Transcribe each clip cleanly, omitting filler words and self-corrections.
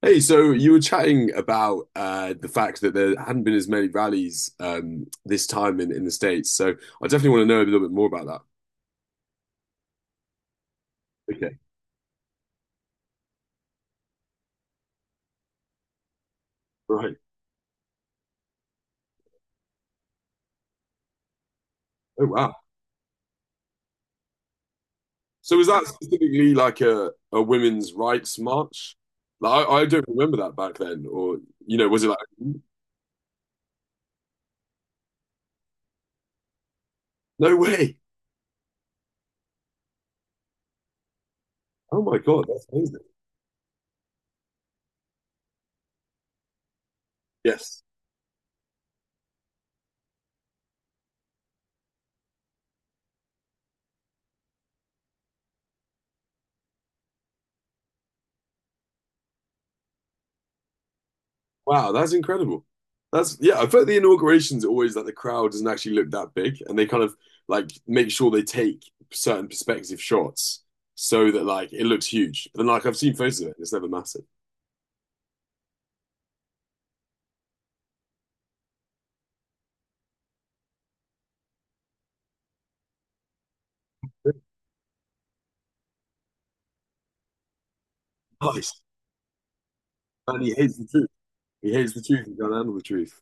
Hey, so you were chatting about the fact that there hadn't been as many rallies this time in the States. So I definitely want to know a little bit more about that. Okay, right. Oh, wow. So was that specifically like a women's rights march? Like, I don't remember that back then. Or, you know, was it like, no way? Oh my God, that's amazing. Yes. Wow, that's incredible. That's yeah, I bet the inauguration's are always like the crowd doesn't actually look that big, and they kind of like make sure they take certain perspective shots so that like it looks huge. But then like I've seen photos of it, it's never massive. Nice. And he hates the truth. He hates the truth. He can't handle the truth.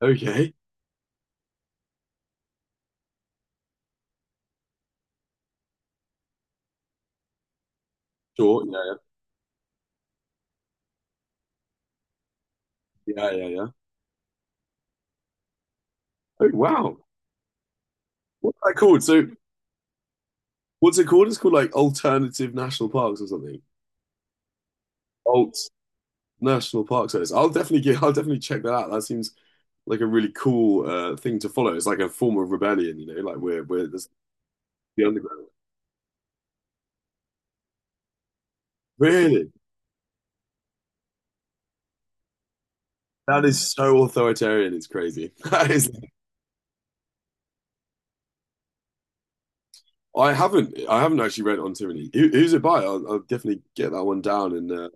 Okay. Sure. Yeah. Yeah. Yeah. Yeah. Yeah. Oh wow. What's that called? So what's it called? It's called like alternative national parks or something. Alt National Park Service. I'll definitely check that out. That seems like a really cool thing to follow. It's like a form of rebellion, you know, like we're this, the underground. Really? That is so authoritarian. It's crazy. That is, I haven't actually read On Tyranny. Who's it by? I'll definitely get that one down and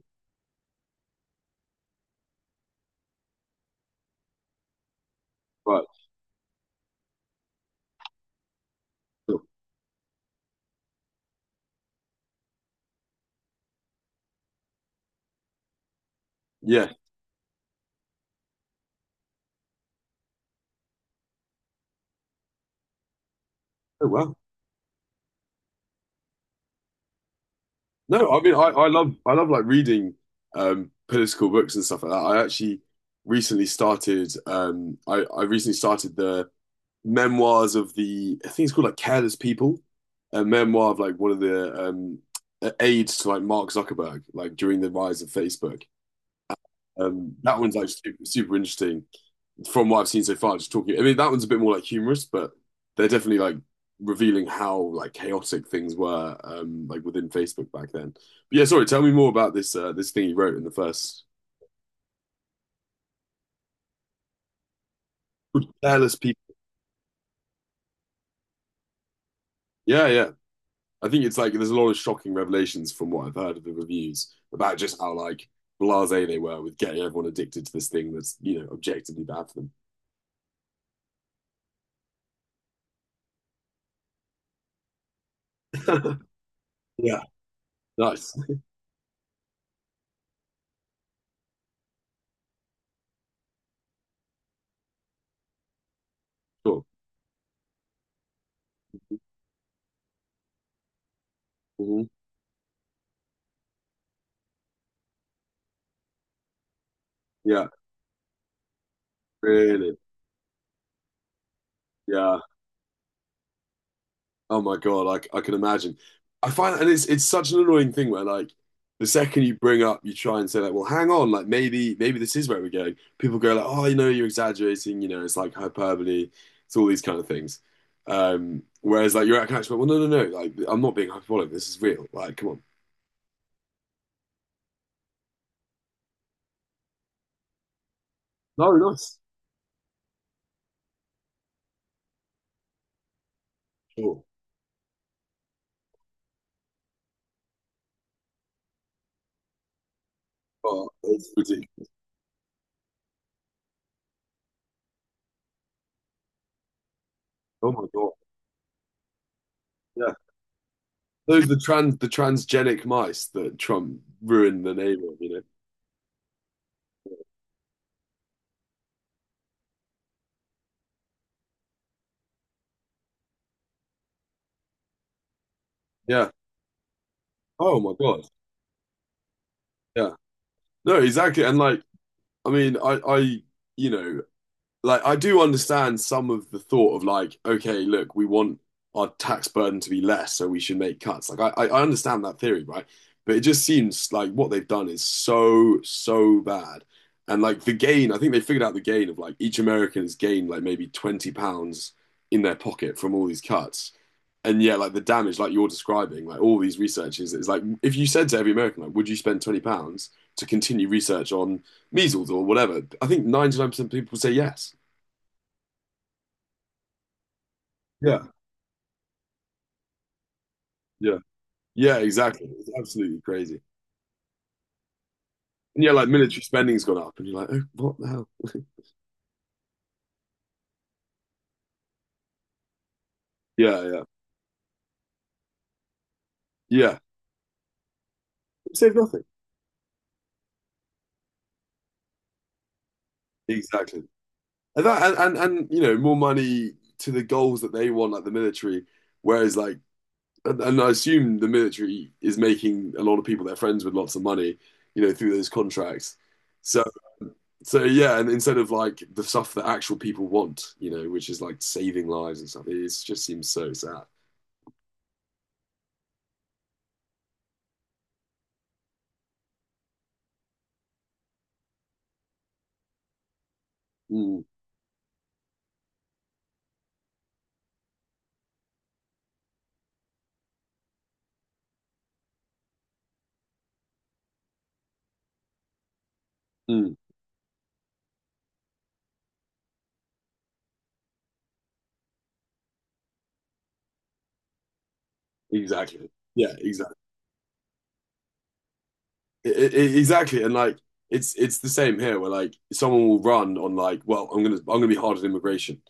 right. Cool. Yeah. Oh well. No, I mean I love like reading political books and stuff like that. I actually recently started I recently started the memoirs of the I think it's called like Careless People, a memoir of like one of the aides to like Mark Zuckerberg, like during the rise of Facebook. That one's like super, super interesting from what I've seen so far. Just talking, I mean, that one's a bit more like humorous, but they're definitely like revealing how like chaotic things were like within Facebook back then. But yeah, sorry, tell me more about this this thing you wrote in the first Careless People. Yeah, yeah. I think it's like there's a lot of shocking revelations from what I've heard of the reviews about just how like blasé they were with getting everyone addicted to this thing that's you know objectively bad for them. Yeah. Nice, cool, hmm, yeah, really, yeah. Oh my God, like I can imagine. I find, and it's such an annoying thing where like the second you bring up, you try and say like, well, hang on, like maybe this is where we're going. People go like, oh, you know, you're exaggerating, you know, it's like hyperbole, it's all these kind of things. Whereas like you're at catch, well, no, no, no, like I'm not being hyperbolic. This is real. Like, come on. No, nice. Sure. Oh, it's ridiculous. Oh my God. Yeah. Those are the transgenic mice that Trump ruined the name of, you know. Yeah. Oh my God. Yeah. No, exactly. And like I mean, you know, like I do understand some of the thought of like, okay, look, we want our tax burden to be less, so we should make cuts. Like, I understand that theory, right? But it just seems like what they've done is so, so bad. And like the gain, I think they figured out the gain of like each American has gained like maybe 20 pounds in their pocket from all these cuts, and yeah, like the damage, like you're describing, like all these researchers, it's like if you said to every American, like, would you spend 20 pounds to continue research on measles or whatever? I think 99% of people would say yes. Yeah, yeah, yeah, exactly. It's absolutely crazy. And yeah, like military spending's gone up, and you're like, oh, what the hell? Yeah, yeah, yeah. Save nothing. Exactly. And that, and you know, more money to the goals that they want, like the military. Whereas, like and I assume the military is making a lot of people their friends with lots of money, you know, through those contracts. So, so yeah, and instead of like the stuff that actual people want, you know, which is like saving lives and stuff, just seems so sad. Mm, mm, exactly. Yeah, exactly. I- I- exactly, and like it's the same here, where like someone will run on like, well, I'm gonna be hard on immigration,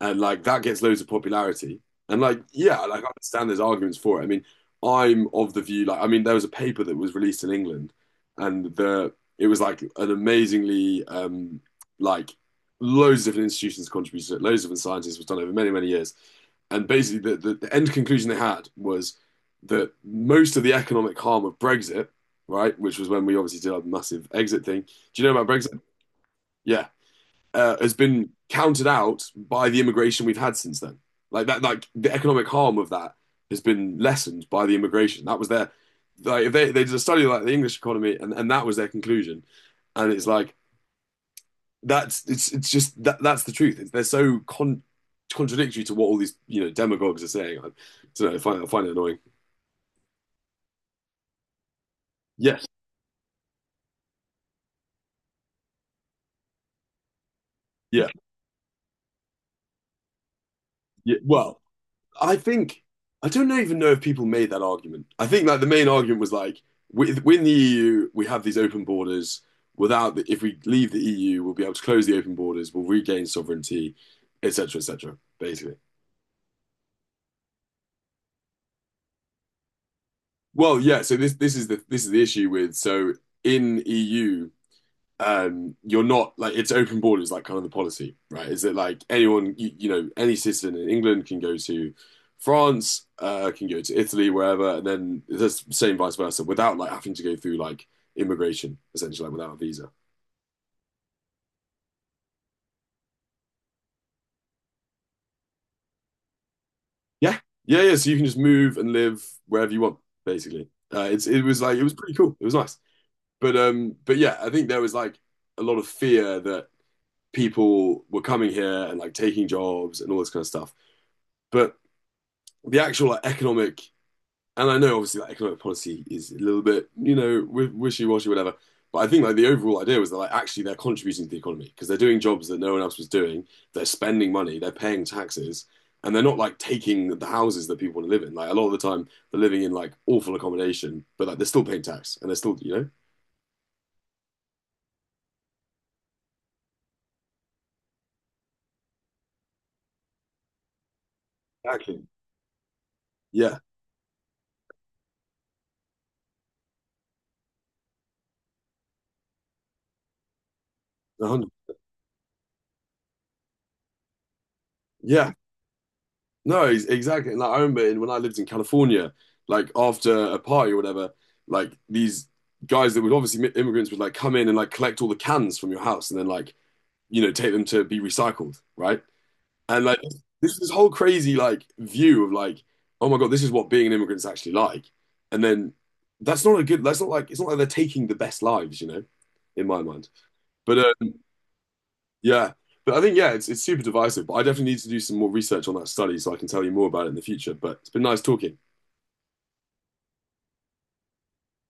and like that gets loads of popularity, and like yeah, like I understand there's arguments for it. I mean, I'm of the view like I mean, there was a paper that was released in England, and the it was like an amazingly like loads of different institutions contributed to it, loads of different scientists was done over many many years, and basically the end conclusion they had was that most of the economic harm of Brexit, right? Which was when we obviously did our massive exit thing. Do you know about Brexit? Yeah, has been counted out by the immigration we've had since then. Like that, like the economic harm of that has been lessened by the immigration. That was their like if they did a study like the English economy, and that was their conclusion. And it's like that's it's just that that's the truth. It's, they're so contradictory to what all these you know demagogues are saying. I don't know. I find it annoying. Yes. Yeah. Yeah. Well, I think I don't even know if people made that argument. I think like the main argument was like within the EU we have these open borders. Without the, if we leave the EU, we'll be able to close the open borders. We'll regain sovereignty, etc., etc. basically, well, yeah. So this is the issue with so in EU you're not like it's open borders, like kind of the policy, right? Is it like anyone, you know, any citizen in England can go to France, can go to Italy, wherever, and then the same vice versa, without like having to go through like immigration, essentially, like without a visa. Yeah, yeah, yeah. So you can just move and live wherever you want, basically. It's it was like it was pretty cool. It was nice, but yeah, I think there was like a lot of fear that people were coming here and like taking jobs and all this kind of stuff, but the actual like, economic, and I know obviously that economic policy is a little bit, you know, wishy-washy, whatever. But I think like the overall idea was that like actually they're contributing to the economy because they're doing jobs that no one else was doing. They're spending money, they're paying taxes, and they're not like taking the houses that people want to live in. Like a lot of the time, they're living in like awful accommodation, but like they're still paying tax and they're still, you know. Exactly. Yeah, 100. Yeah, no, exactly. And like, I remember in, when I lived in California, like after a party or whatever, like these guys that would obviously immigrants would like come in and like collect all the cans from your house and then like you know take them to be recycled, right? And like this whole crazy like view of like oh my God, this is what being an immigrant's actually like. And then that's not a good. That's not like it's not like they're taking the best lives, you know, in my mind. But yeah. But I think, yeah, it's super divisive. But I definitely need to do some more research on that study so I can tell you more about it in the future. But it's been nice talking.